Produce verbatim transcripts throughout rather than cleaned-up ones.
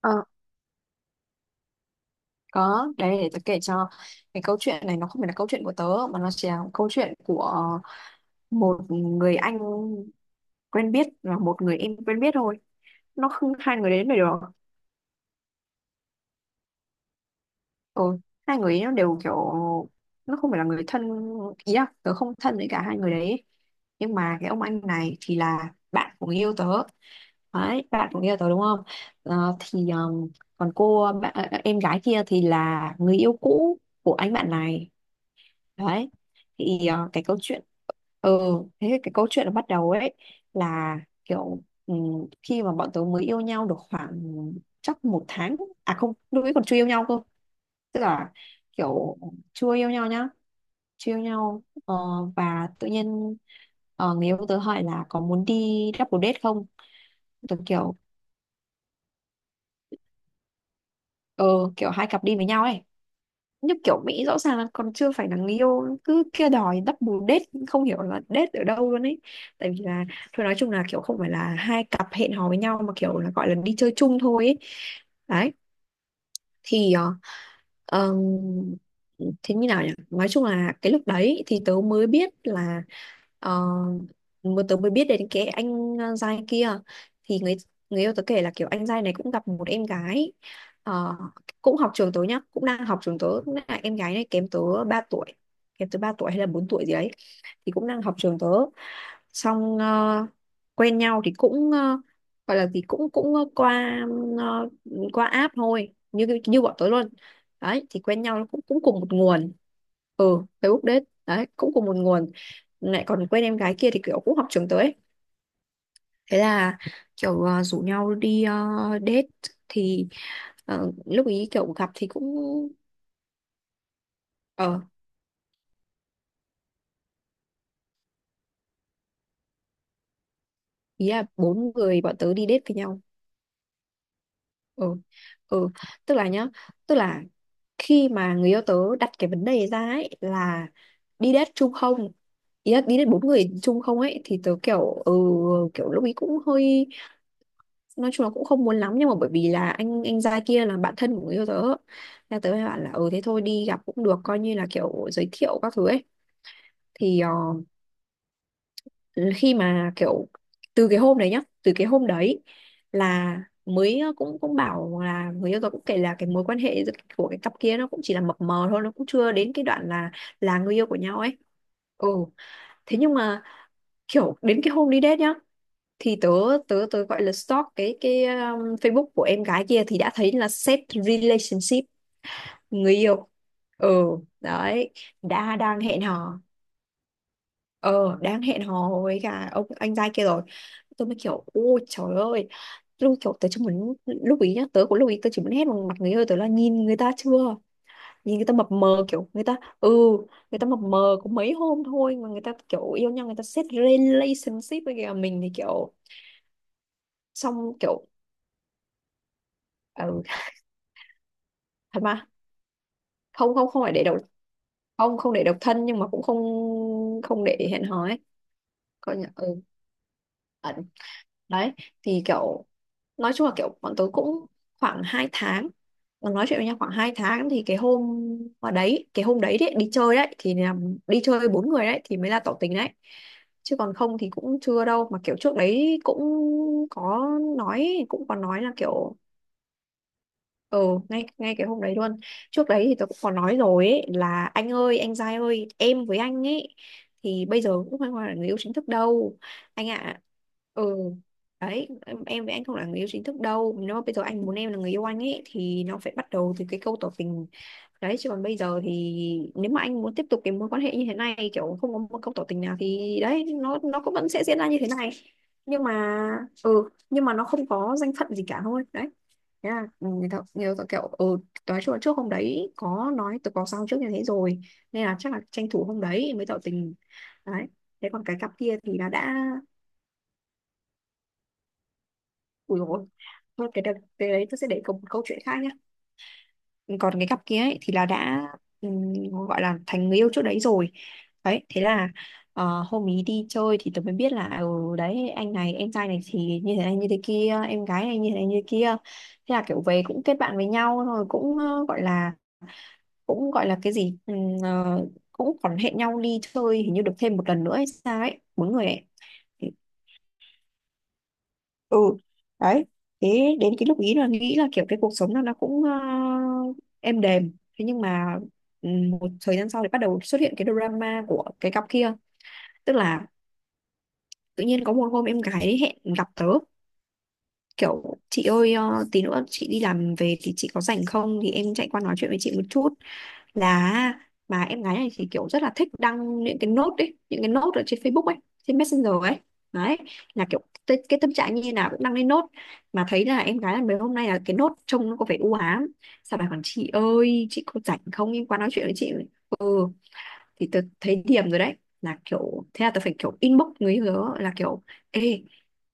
Ờ, có đấy, để tớ kể cho. Cái câu chuyện này nó không phải là câu chuyện của tớ, mà nó chỉ là câu chuyện của một người anh quen biết và một người em quen biết thôi. Nó không hai người đến phải được. Ừ, hai người ấy nó đều kiểu nó không phải là người thân, ý là tớ không thân với cả hai người đấy. Nhưng mà cái ông anh này thì là bạn của người yêu tớ. Đấy, bạn của người yêu tớ đúng không. Ờ, thì um, còn cô bạn, ờ, em gái kia thì là người yêu cũ của anh bạn này. Đấy, thì ờ, cái câu chuyện, ừ thế thì cái câu chuyện nó bắt đầu ấy là kiểu ừm, khi mà bọn tớ mới yêu nhau được khoảng chắc một tháng. À không, lúc ấy còn chưa yêu nhau cơ, tức là kiểu chưa yêu nhau nhá, chưa yêu nhau. ờ, và tự nhiên ờ, người yêu tớ hỏi là có muốn đi double date không. Tớ kiểu ờ, kiểu hai cặp đi với nhau ấy, như kiểu Mỹ, rõ ràng là còn chưa phải là người yêu cứ kia đòi đắp bù date, không hiểu là date ở đâu luôn ấy. Tại vì là thôi nói chung là kiểu không phải là hai cặp hẹn hò với nhau, mà kiểu là gọi là đi chơi chung thôi ấy. Đấy, thì ờ, Ờ, thế như nào nhỉ, nói chung là cái lúc đấy thì tớ mới biết là ờ, mà tớ mới biết đến cái anh, ờ, giai kia. Thì người người yêu tớ kể là kiểu anh giai này cũng gặp một em gái, ờ, cũng học trường tớ nhá, cũng đang học trường tớ, cũng là em gái này kém tớ ba tuổi. Kém tớ ba tuổi hay là bốn tuổi gì đấy, thì cũng đang học trường tớ. Xong ờ, quen nhau thì cũng ờ, gọi là gì cũng cũng ờ, qua ờ, qua app thôi, như như bọn tớ luôn. Đấy, thì quen nhau nó cũng cũng cùng một nguồn. Ừ, Facebook date đấy, cũng cùng một nguồn, lại còn quen em gái kia thì kiểu cũng học trường tới. Thế là kiểu ờ, rủ nhau đi ờ, date. Thì ờ, lúc ý kiểu gặp thì cũng ờ, ý là bốn người bọn tớ đi date với nhau. Ừ, ừ, tức là nhá, tức là khi mà người yêu tớ đặt cái vấn đề ra ấy là đi date chung không, ý là đi date bốn người chung không ấy, thì tớ kiểu ừ. Kiểu lúc ý cũng hơi, nói chung là cũng không muốn lắm, nhưng mà bởi vì là anh anh trai kia là bạn thân của người yêu tớ, nên tớ mới bảo là ừ thế thôi đi gặp cũng được, coi như là kiểu giới thiệu các thứ ấy. Thì ờ, khi mà kiểu từ cái hôm đấy nhá, từ cái hôm đấy là mới cũng cũng bảo là người yêu tớ cũng kể là cái mối quan hệ giữa- của cái cặp kia nó cũng chỉ là mập mờ thôi, nó cũng chưa đến cái đoạn là là người yêu của nhau ấy. Ừ, thế nhưng mà kiểu đến cái hôm đi date nhá, thì tớ tớ tớ gọi là stalk cái cái um, Facebook của em gái kia, thì đã thấy là set relationship người yêu. Ừ, đấy, đã đang hẹn hò. Ờ, đang hẹn hò với cả ông anh trai kia rồi. Tôi mới kiểu ôi trời ơi, lúc kiểu tớ chỉ muốn, lúc ý nhá tớ cũng lúc ý tớ chỉ muốn hét vào mặt người yêu tớ là nhìn người ta chưa, nhìn người ta mập mờ kiểu người ta ừ, người ta mập mờ có mấy hôm thôi mà người ta kiểu yêu nhau, người ta set relationship với kìa, mình thì kiểu xong kiểu ừ, thật mà. Không, không, không phải để độc, không, không để độc thân nhưng mà cũng không, không để hẹn hò ấy. Coi như ừ, ẩn. Đấy, thì kiểu nói chung là kiểu bọn tôi cũng khoảng hai tháng, nói chuyện với nhau khoảng hai tháng, thì cái hôm mà đấy, cái hôm đấy đấy đi chơi đấy thì là đi chơi bốn người đấy thì mới là tỏ tình đấy. Chứ còn không thì cũng chưa đâu, mà kiểu trước đấy cũng có nói, cũng có nói là kiểu ừ. ngay Ngay cái hôm đấy luôn. Trước đấy thì tôi cũng có nói rồi ấy, là anh ơi anh trai ơi, em với anh ấy thì bây giờ cũng không phải là người yêu chính thức đâu anh ạ. Ừ, đấy em em với anh không là người yêu chính thức đâu, nếu mà bây giờ anh muốn em là người yêu anh ấy thì nó phải bắt đầu từ cái câu tỏ tình. Đấy, chứ còn bây giờ thì nếu mà anh muốn tiếp tục cái mối quan hệ như thế này kiểu không có một câu tỏ tình nào thì đấy, nó nó cũng vẫn sẽ diễn ra như thế này. Nhưng mà ừ, nhưng mà nó không có danh phận gì cả thôi đấy. Thế là ừ, người ta, người ta kiểu ừ, nói chung là trước hôm đấy có nói, tôi có sao trước như thế rồi, nên là chắc là tranh thủ hôm đấy mới tỏ tình. Đấy. Thế còn cái cặp kia thì là đã ủi rồi. Thôi cái, đợt- cái đấy tôi sẽ để câu, một câu chuyện khác nhé. Còn cái cặp kia ấy, thì là đã ừm, gọi là thành người yêu trước đấy rồi. Đấy, thế là ờ, hôm ý đi chơi thì tôi mới biết là ừ, đấy anh này em trai này thì như thế này như thế kia, em gái này như thế này như thế kia. Thế là kiểu về cũng kết bạn với nhau rồi, cũng ờ, gọi là cũng gọi là cái gì ừ, ờ, cũng còn hẹn nhau đi chơi hình như được thêm một lần nữa hay sao ấy, bốn người ấy. Thì- ừ, đấy. Thế đến cái lúc ý là nghĩ là kiểu cái cuộc sống nó nó cũng ờ, êm đềm. Thế nhưng mà ừ, một thời gian sau thì bắt đầu xuất hiện cái drama của cái cặp kia. Tức là tự nhiên có một hôm em gái hẹn gặp tớ, kiểu chị ơi ờ, tí nữa chị đi làm về thì chị có rảnh không, thì em chạy qua nói chuyện với chị một chút. Là mà em gái này thì kiểu rất là thích đăng những cái nốt ấy, những cái nốt ở trên Facebook ấy, trên Messenger ấy. Đấy, là kiểu cái, cái tâm trạng như nào cũng đăng lên nốt, mà thấy là em gái là mấy hôm nay là cái nốt trông nó có vẻ u ám. Sao bà còn chị ơi chị có rảnh không em qua nói chuyện với chị. Ừ, thì tớ thấy điểm rồi đấy. Là kiểu thế là tớ phải kiểu inbox người yêu tớ là kiểu ê,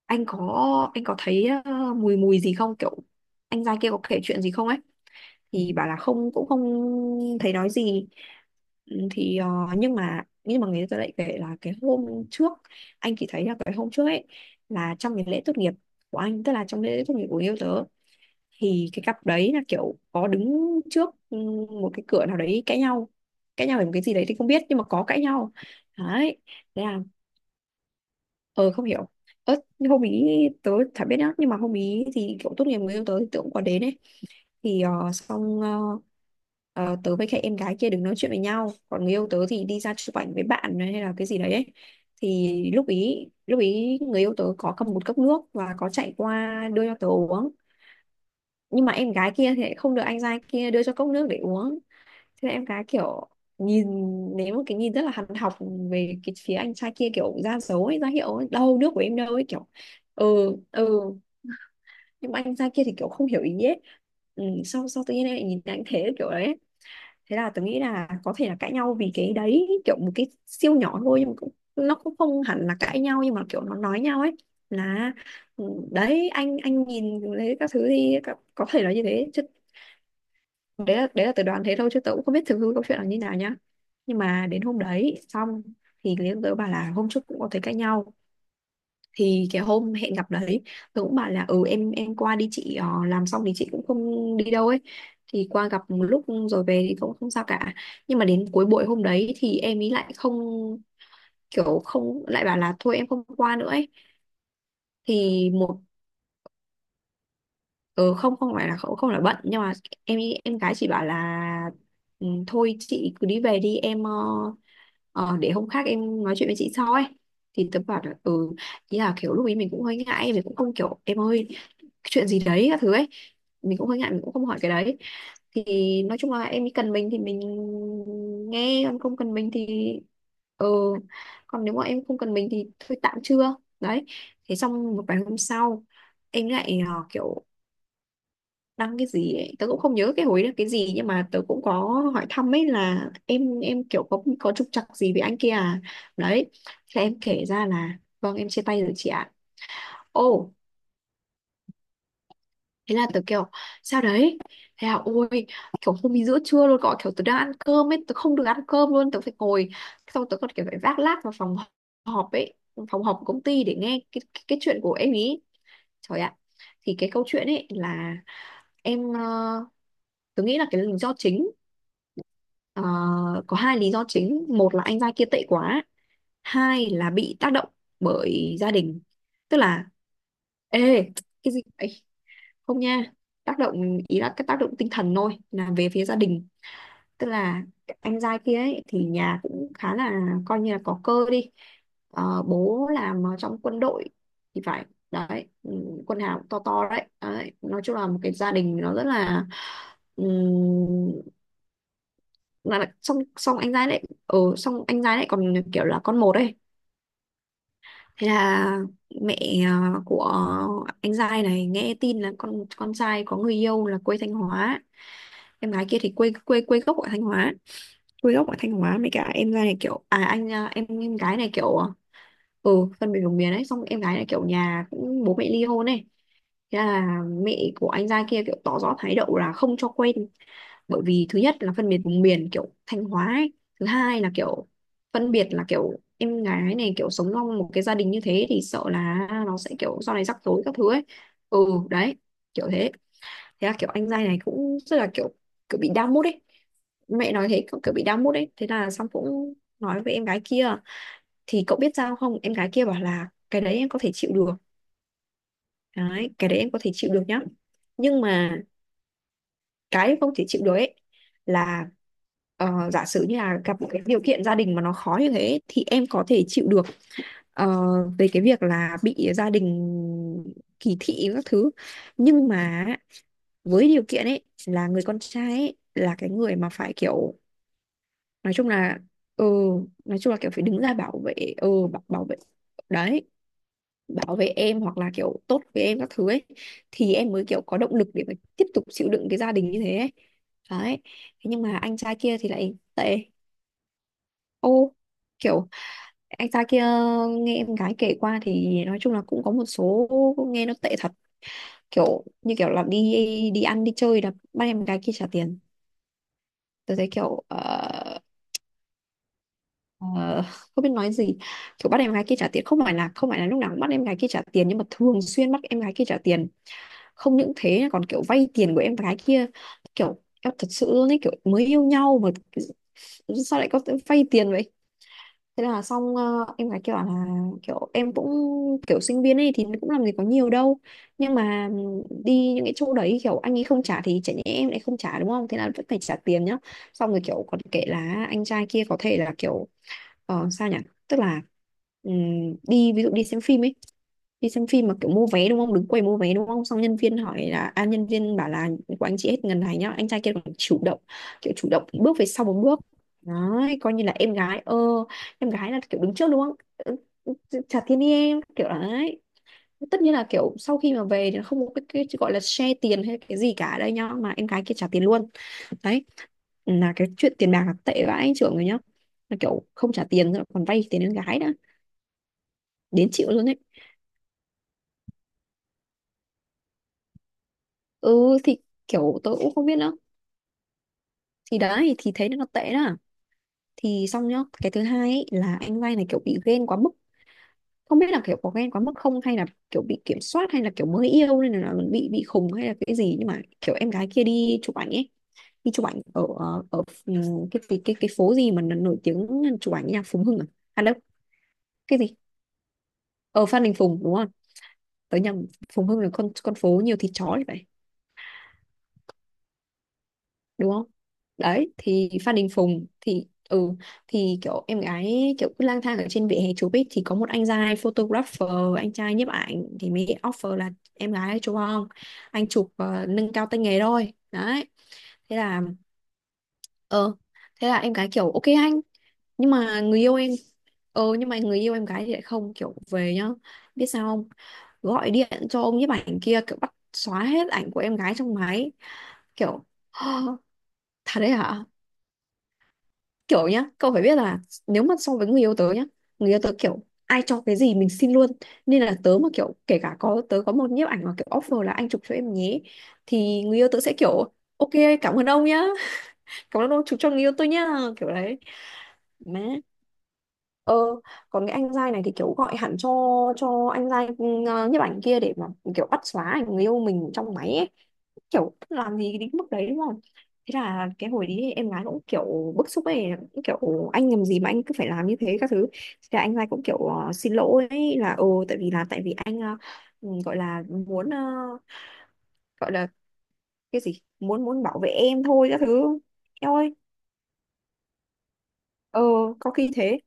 anh có anh có thấy ờ, mùi mùi gì không kiểu, anh giai kia có kể chuyện gì không ấy. Thì bảo là không, cũng không thấy nói gì. Ừ, thì ờ, nhưng mà nhưng mà người ta lại kể là cái hôm trước, anh chỉ thấy là cái hôm trước ấy là trong cái lễ tốt nghiệp của anh, tức là trong lễ tốt nghiệp của người yêu tớ, thì cái cặp đấy là kiểu có đứng trước ừ, một cái cửa nào đấy cãi nhau. Cãi nhau về một cái gì đấy thì không biết, nhưng mà có cãi nhau. Đấy, thế là ờ không hiểu, ớt hôm ý tớ chả biết nhá, nhưng mà hôm ý thì kiểu tốt nghiệp người yêu tớ thì tớ cũng có đến ấy. Thì ờ, xong ờ, ờ, tớ với cái em gái kia đứng nói chuyện với nhau, còn người yêu tớ thì đi ra chụp ảnh với bạn hay là cái gì đấy ấy. Thì lúc ý lúc ý người yêu tớ có cầm một cốc nước và có chạy qua đưa cho tớ uống. Nhưng mà em gái kia thì lại không được anh trai kia đưa cho cốc nước để uống. Thế là em gái kiểu nhìn, ném một cái nhìn rất là hằn học về cái phía anh trai kia kiểu ra dấu ấy, ra hiệu ấy, đâu nước của em đâu ấy kiểu. Ừ, ừ, nhưng mà anh trai kia thì kiểu không hiểu ý ấy. Ừ, sau sau tự nhiên em lại nhìn anh thế kiểu đấy. Thế là tớ nghĩ là có thể là cãi nhau vì cái đấy, kiểu một cái siêu nhỏ thôi nhưng mà cũng nó cũng không hẳn là cãi nhau nhưng mà kiểu nó nói nhau ấy. Là ừ, đấy anh anh nhìn thấy các thứ thì có có thể là như thế chứ. Đấy là đấy là tớ đoán thế thôi, chứ tớ cũng không biết thực hư câu chuyện là như nào nhá. Nhưng mà đến hôm đấy xong thì Liên tớ bảo là hôm trước cũng có thấy cãi nhau. Thì cái hôm hẹn gặp đấy, tớ cũng bảo là ừ, em em qua đi chị, ờ, làm xong thì chị cũng không đi đâu ấy. Thì qua gặp một lúc, rồi về thì cũng không sao cả. Nhưng mà đến cuối buổi hôm đấy thì em ý lại không, kiểu không, lại bảo là thôi em không qua nữa ấy. Thì một, ừ, không không phải là không, không là bận, nhưng mà em em gái chị bảo là ừ, thôi chị cứ đi về đi em, ờ, ờ, để hôm khác em nói chuyện với chị sau ấy. Thì tớ bảo là ừ. Ý là kiểu lúc ấy mình cũng hơi ngại, mình cũng không kiểu em ơi, chuyện gì đấy các thứ ấy. Mình cũng hơi ngại, mình cũng không hỏi cái đấy. Thì nói chung là em ấy cần mình thì mình nghe, còn không cần mình thì ừ, còn nếu mà em không cần mình thì thôi, tạm chưa đấy. Thế xong một vài hôm sau, em lại ờ, kiểu đăng cái gì ấy. Tớ cũng không nhớ cái hồi đó cái gì, nhưng mà tớ cũng có hỏi thăm ấy là em em kiểu có có trục trặc gì với anh kia à. Đấy, thế em kể ra là vâng, em chia tay rồi chị ạ. Ô, thế là tớ kiểu sao đấy, thế là ôi, kiểu hôm ấy giữa trưa luôn, gọi kiểu tớ đang ăn cơm ấy, tớ không được ăn cơm luôn, tớ phải ngồi, xong tớ còn kiểu phải vác lác vào phòng họp ấy, phòng họp của công ty để nghe cái, cái, cái chuyện của em ý. Trời ạ. Thì cái câu chuyện ấy là em, ờ, tôi nghĩ là cái lý do chính, ờ, có hai lý do chính: một là anh trai kia tệ quá, hai là bị tác động bởi gia đình. Tức là, ê, cái gì ấy, không nha, tác động ý là cái tác động tinh thần thôi, là về phía gia đình. Tức là anh trai kia ấy, thì nhà cũng khá, là coi như là có cơ đi. Ờ, bố làm ở trong quân đội thì phải, đấy, ừ, quân hàm to to đấy. Đấy, nói chung là một cái gia đình nó rất là ừ, là là- xong xong anh giai lại ờ xong anh giai lại còn kiểu là con một ấy. Thế là mẹ, à, của anh giai này nghe tin là con con trai có người yêu là quê Thanh Hóa. Em gái kia thì quê quê quê gốc ở Thanh Hóa. Quê gốc ở Thanh Hóa, mấy cả em giai này kiểu à anh, à, em em gái này kiểu à, ừ, phân biệt vùng miền ấy, xong em gái này kiểu nhà cũng bố mẹ ly hôn ấy. Thế là mẹ của anh giai kia kiểu tỏ rõ thái độ là không cho quen, bởi vì thứ nhất là phân biệt vùng miền kiểu Thanh Hóa ấy. Thứ hai là kiểu phân biệt, là kiểu em gái này kiểu sống trong một cái gia đình như thế thì sợ là nó sẽ kiểu sau này rắc rối các thứ ấy. Ừ đấy, kiểu thế, thế là kiểu anh trai này cũng rất là kiểu kiểu bị down mood ấy. Mẹ nói thế, cậu kiểu bị down mood ấy, thế là xong cũng nói với em gái kia. Thì cậu biết sao không, em gái kia bảo là cái đấy em có thể chịu được. Đấy, cái đấy em có thể chịu được nhá. Nhưng mà cái không thể chịu được ấy là, ờ, giả sử như là gặp một cái điều kiện gia đình mà nó khó như thế thì em có thể chịu được, ờ, về cái việc là bị gia đình kỳ thị các thứ, nhưng mà với điều kiện ấy là người con trai ấy, là cái người mà phải kiểu nói chung là, ừ nói chung là kiểu phải đứng ra bảo vệ ừ bảo, bảo vệ đấy, bảo vệ em hoặc là kiểu tốt với em các thứ ấy, thì em mới kiểu có động lực để mà tiếp tục chịu đựng cái gia đình như thế ấy. Đấy. Thế nhưng mà anh trai kia thì lại tệ. Ô, kiểu anh trai kia, nghe em gái kể qua thì nói chung là cũng có một số nghe nó tệ thật. Kiểu như kiểu là đi đi ăn đi chơi là bắt em gái kia trả tiền. Tôi thấy kiểu ờ, ờ, không biết nói gì, kiểu bắt em gái kia trả tiền, không phải là không phải là lúc nào cũng bắt em gái kia trả tiền, nhưng mà thường xuyên bắt em gái kia trả tiền. Không những thế còn kiểu vay tiền của em gái kia, kiểu em thật sự luôn ấy, kiểu mới yêu nhau mà sao lại có vay tiền vậy. Thế là xong, ờ, em gái kia bảo là kiểu em cũng kiểu sinh viên ấy thì cũng làm gì có nhiều đâu. Nhưng mà đi những cái chỗ đấy kiểu anh ấy không trả thì chả nhẽ em lại không trả, đúng không, thế là vẫn phải trả tiền nhá. Xong rồi kiểu còn kể là anh trai kia có thể là kiểu, ờ, sao nhỉ, tức là, ừm, đi ví dụ đi xem phim ấy. Đi xem phim mà kiểu mua vé đúng không, đứng quầy mua vé đúng không, xong nhân viên hỏi là à, nhân viên bảo là của anh chị hết ngần này nhá, anh trai kia còn chủ động, kiểu chủ động bước về sau một bước. Đấy, coi như là em gái ơ em gái là kiểu đứng trước đúng không. Ừ, chả thiên đi em kiểu đấy. Tất nhiên là kiểu sau khi mà về thì nó không có cái, cái gọi là share tiền hay cái gì cả ở đây nhá, mà em gái kia trả tiền luôn. Đấy, là cái chuyện tiền bạc là tệ vãi anh trưởng rồi nhá, là kiểu không trả tiền rồi còn vay tiền em gái, đã đến chịu luôn đấy. Ừ thì kiểu tôi cũng không biết nữa, thì đấy thì thấy nó tệ đó. Thì xong nhá, cái thứ hai ấy, là anh Lai này kiểu bị ghen quá mức. Không biết là kiểu có ghen quá mức không, hay là kiểu bị kiểm soát, hay là kiểu mới yêu nên là bị bị khùng, hay là cái gì, nhưng mà kiểu em gái kia đi chụp ảnh ấy. Đi chụp ảnh ở ở ở, ừ, cái cái cái, cái phố gì mà nó nổi tiếng. Chụp ảnh nhà Phùng Hưng à à đâu, cái gì, ở Phan Đình Phùng đúng không, tới nhà Phùng Hưng là con con phố nhiều thịt chó thì phải, đúng không. Đấy, thì Phan Đình Phùng thì ừ thì kiểu em gái kiểu cứ lang thang ở trên vỉa hè chụp ấy, thì có một anh trai photographer, anh trai nhiếp ảnh thì mới offer là em gái chụp không, anh chụp ờ, nâng cao tay nghề thôi đấy. Thế là ờ thế là em gái kiểu ok anh, nhưng mà người yêu em ờ nhưng mà người yêu em gái thì lại không, kiểu về nhá, biết sao không, gọi điện cho ông nhiếp ảnh kia kiểu bắt xóa hết ảnh của em gái trong máy, kiểu Thật đấy hả? Kiểu nhá, cậu phải biết là nếu mà so với người yêu tớ nhá, người yêu tớ kiểu ai cho cái gì mình xin luôn. Nên là tớ mà kiểu, kể cả có tớ có một nhiếp ảnh mà kiểu offer là anh chụp cho em nhé, thì người yêu tớ sẽ kiểu ok, cảm ơn ông nhá, cảm ơn ông chú cho người yêu tôi nhá, kiểu đấy, má, ờ còn cái anh giai này thì kiểu gọi hẳn cho cho anh giai ừ, nhiếp ảnh kia để mà kiểu bắt xóa ảnh người yêu mình trong máy ấy. Kiểu làm gì đến mức đấy đúng không. Thế là cái hồi đấy em gái cũng kiểu bức xúc ấy, cũng kiểu anh làm gì mà anh cứ phải làm như thế các thứ. Thế là anh giai cũng kiểu ờ, xin lỗi ấy, là ừ tại vì là tại vì anh, ờ, ừ, gọi là muốn, ờ, gọi là cái gì muốn muốn bảo vệ em thôi các thứ. Eo ơi, ờ có khi thế.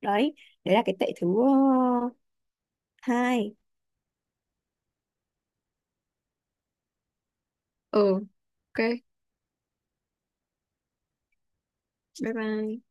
Đấy, đấy là cái tệ thứ, ờ, hai. ờ ok, bye bye.